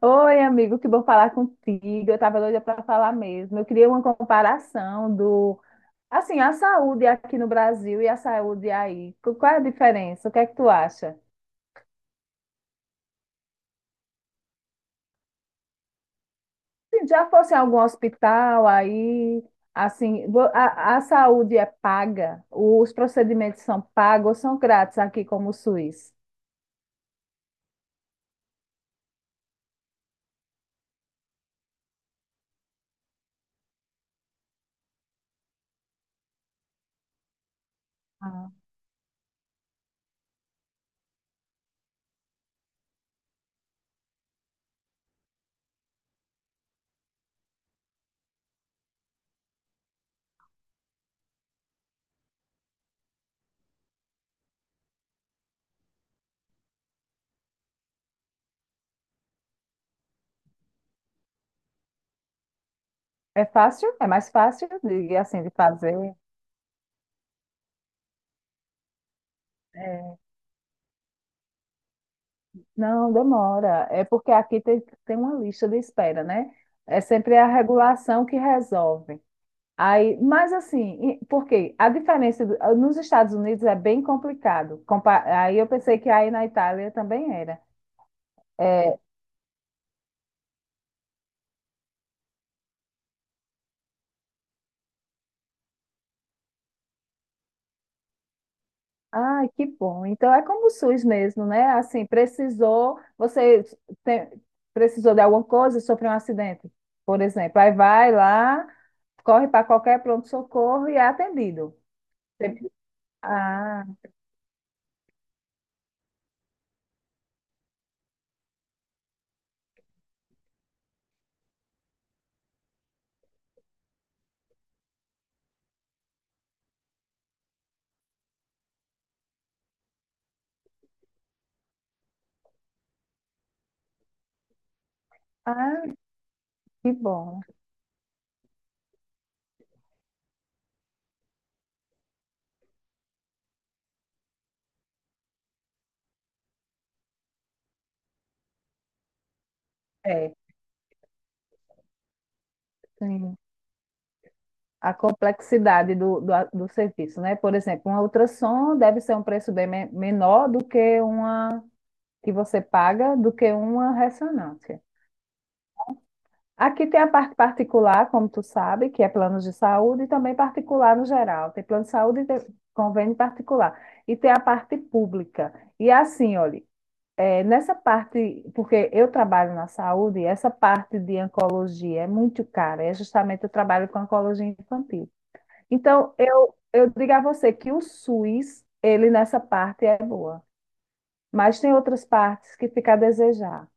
Oi, amigo, que bom falar contigo. Eu tava doida para falar mesmo. Eu queria uma comparação assim, a saúde aqui no Brasil e a saúde aí. Qual é a diferença? O que é que tu acha? Se já fosse em algum hospital aí, assim, a saúde é paga? Os procedimentos são pagos ou são grátis aqui como o SUS? Ah. É fácil? É mais fácil de, assim, de fazer? Não, demora. É porque aqui tem uma lista de espera, né? É sempre a regulação que resolve. Aí, mas assim, porque a diferença nos Estados Unidos é bem complicado. Aí eu pensei que aí na Itália também era. É, ai, que bom. Então é como o SUS mesmo, né? Assim, precisou, você tem- precisou de alguma coisa, sofreu um acidente, por exemplo. Aí vai lá, corre para qualquer pronto-socorro e é atendido. Sempre- Ah, ah. Que bom. É. Sim. A complexidade do serviço, né? Por exemplo, um ultrassom deve ser um preço bem menor do que uma, que você paga, do que uma ressonância. Aqui tem a parte particular, como tu sabe, que é planos de saúde e também particular no geral. Tem plano de saúde e tem convênio particular. E tem a parte pública. E assim, olha, é, nessa parte, porque eu trabalho na saúde, essa parte de oncologia é muito cara. É justamente eu trabalho com oncologia infantil. Então, eu digo a você que o SUS, ele nessa parte é boa, mas tem outras partes que fica a desejar.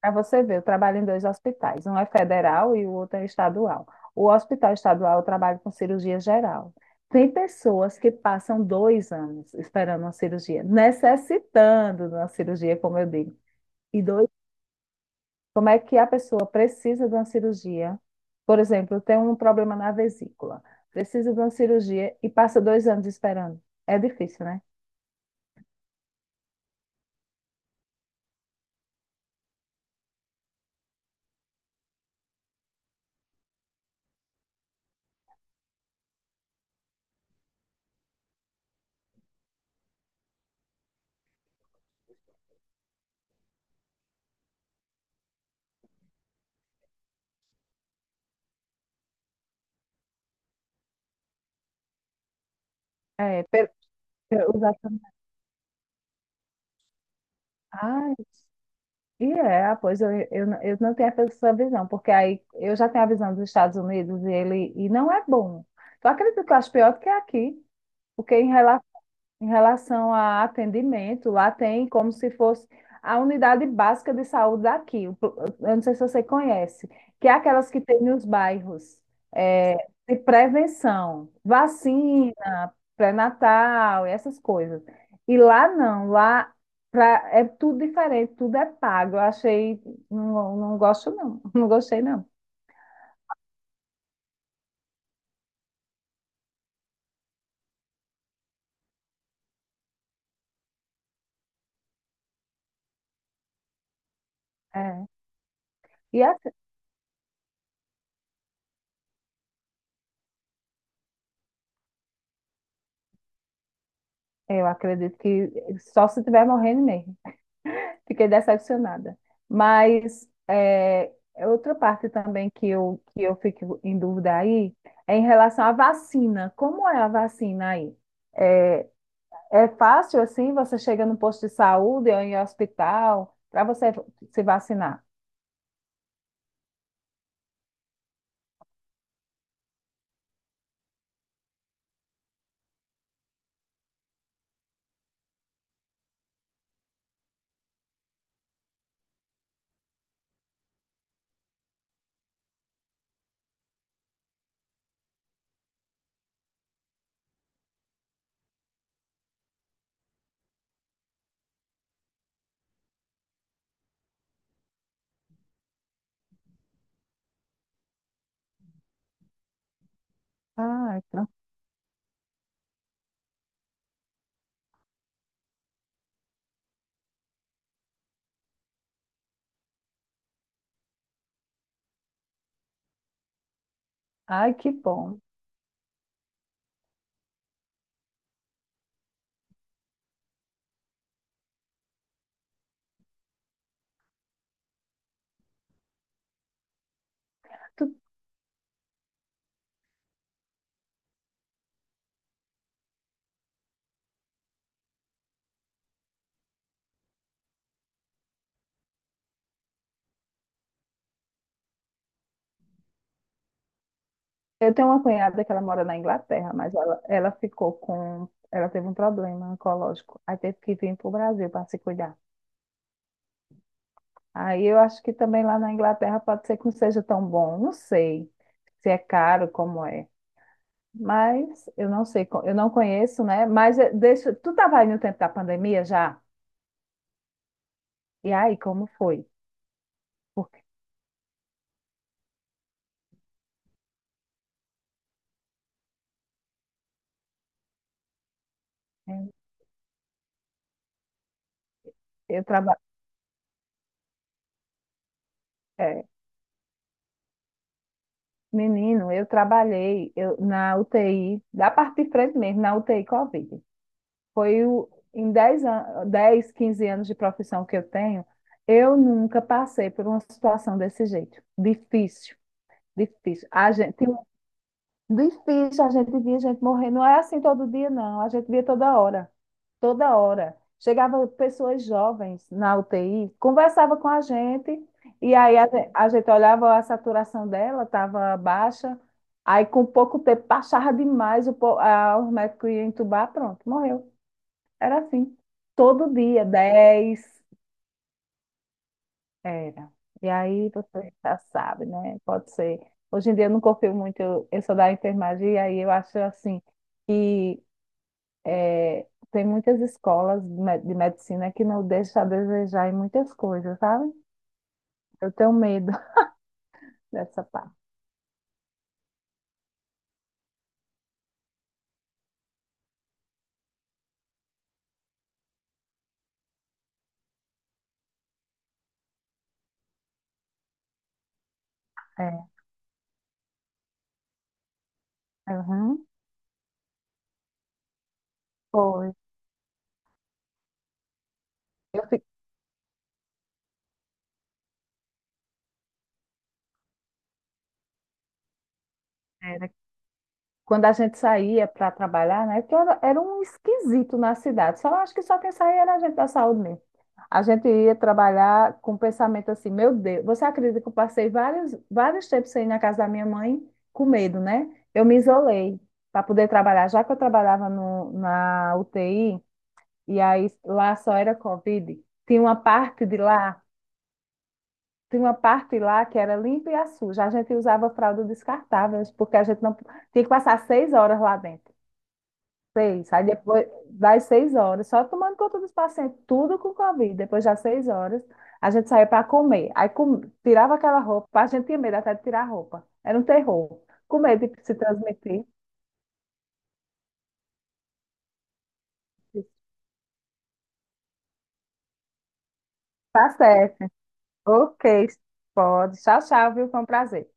Para você ver, eu trabalho em dois hospitais, um é federal e o outro é estadual. O hospital estadual eu trabalho com cirurgia geral. Tem pessoas que passam 2 anos esperando uma cirurgia, necessitando de uma cirurgia, como eu digo. E dois Como é que a pessoa precisa de uma cirurgia? Por exemplo, tem um problema na vesícula, precisa de uma cirurgia e passa 2 anos esperando. É difícil, né? É, per- per- os Ah, e é, ah, pois eu não tenho essa visão, porque aí eu já tenho a visão dos Estados Unidos e ele e não é bom. Tu acredita que eu acho pior do que aqui? Porque em relação Em relação a atendimento, lá tem como se fosse a unidade básica de saúde daqui, eu não sei se você conhece, que é aquelas que tem nos bairros, é, de prevenção, vacina, pré-natal, e essas coisas. E lá não, lá é tudo diferente, tudo é pago. Eu achei, não, não gosto não, não gostei não. É. E assim, eu acredito que só se estiver morrendo mesmo. Fiquei decepcionada. Mas é, outra parte também que eu fico em dúvida aí é em relação à vacina. Como é a vacina aí? É, é fácil assim? Você chega no posto de saúde ou em hospital para você se vacinar? Ai, tran- ai, que bom. Tu- Eu tenho uma cunhada que ela mora na Inglaterra, mas ela ficou com. Ela teve um problema oncológico. Aí teve que vir para o Brasil para se cuidar. Aí eu acho que também lá na Inglaterra pode ser que não seja tão bom. Não sei se é caro, como é. Mas eu não sei, eu não conheço, né? Mas deixa. Tu estava aí no tempo da pandemia já? E aí, como foi? Porque eh, eu trabalho. Menino, eu trabalhei, na UTI, da parte de frente mesmo, na UTI Covid. Foi o, Em 10, 15 anos de profissão que eu tenho, eu nunca passei por uma situação desse jeito. Difícil, difícil. Difícil, a gente via gente morrer. Não é assim todo dia, não. A gente via toda hora. Toda hora. Chegava pessoas jovens na UTI, conversava com a gente, e aí a gente olhava a saturação dela, estava baixa. Aí, com pouco tempo, baixava demais, os médicos iam entubar, pronto, morreu. Era assim. Todo dia, 10 era. E aí você já sabe, né? Pode ser. Hoje em dia eu não confio muito, eu sou da enfermagem, e aí eu acho assim que tem muitas escolas de medicina que não deixam a desejar em muitas coisas, sabe? Eu tenho medo dessa parte. É. Uhum. Foi. Eu fiquei. Quando a gente saía para trabalhar, né? Era um esquisito na cidade. Só acho que só quem saía era a gente da saúde mesmo. A gente ia trabalhar com o pensamento assim, meu Deus, você acredita que eu passei vários tempos sem ir na casa da minha mãe com medo, né? Eu me isolei para poder trabalhar, já que eu trabalhava no, na UTI, e aí lá só era Covid, tinha uma parte de lá, tinha uma parte lá que era limpa e suja. A gente usava fralda descartável, porque a gente não tinha que passar 6 horas lá dentro. Seis. Aí depois das 6 horas, só tomando conta dos pacientes, tudo com Covid. Depois das seis horas, a gente saía para comer. Aí tirava aquela roupa, a gente tinha medo até de tirar a roupa. Era um terror. Com medo de se transmitir. Tá certo. Ok, pode. Tchau, tchau, viu? Foi um prazer.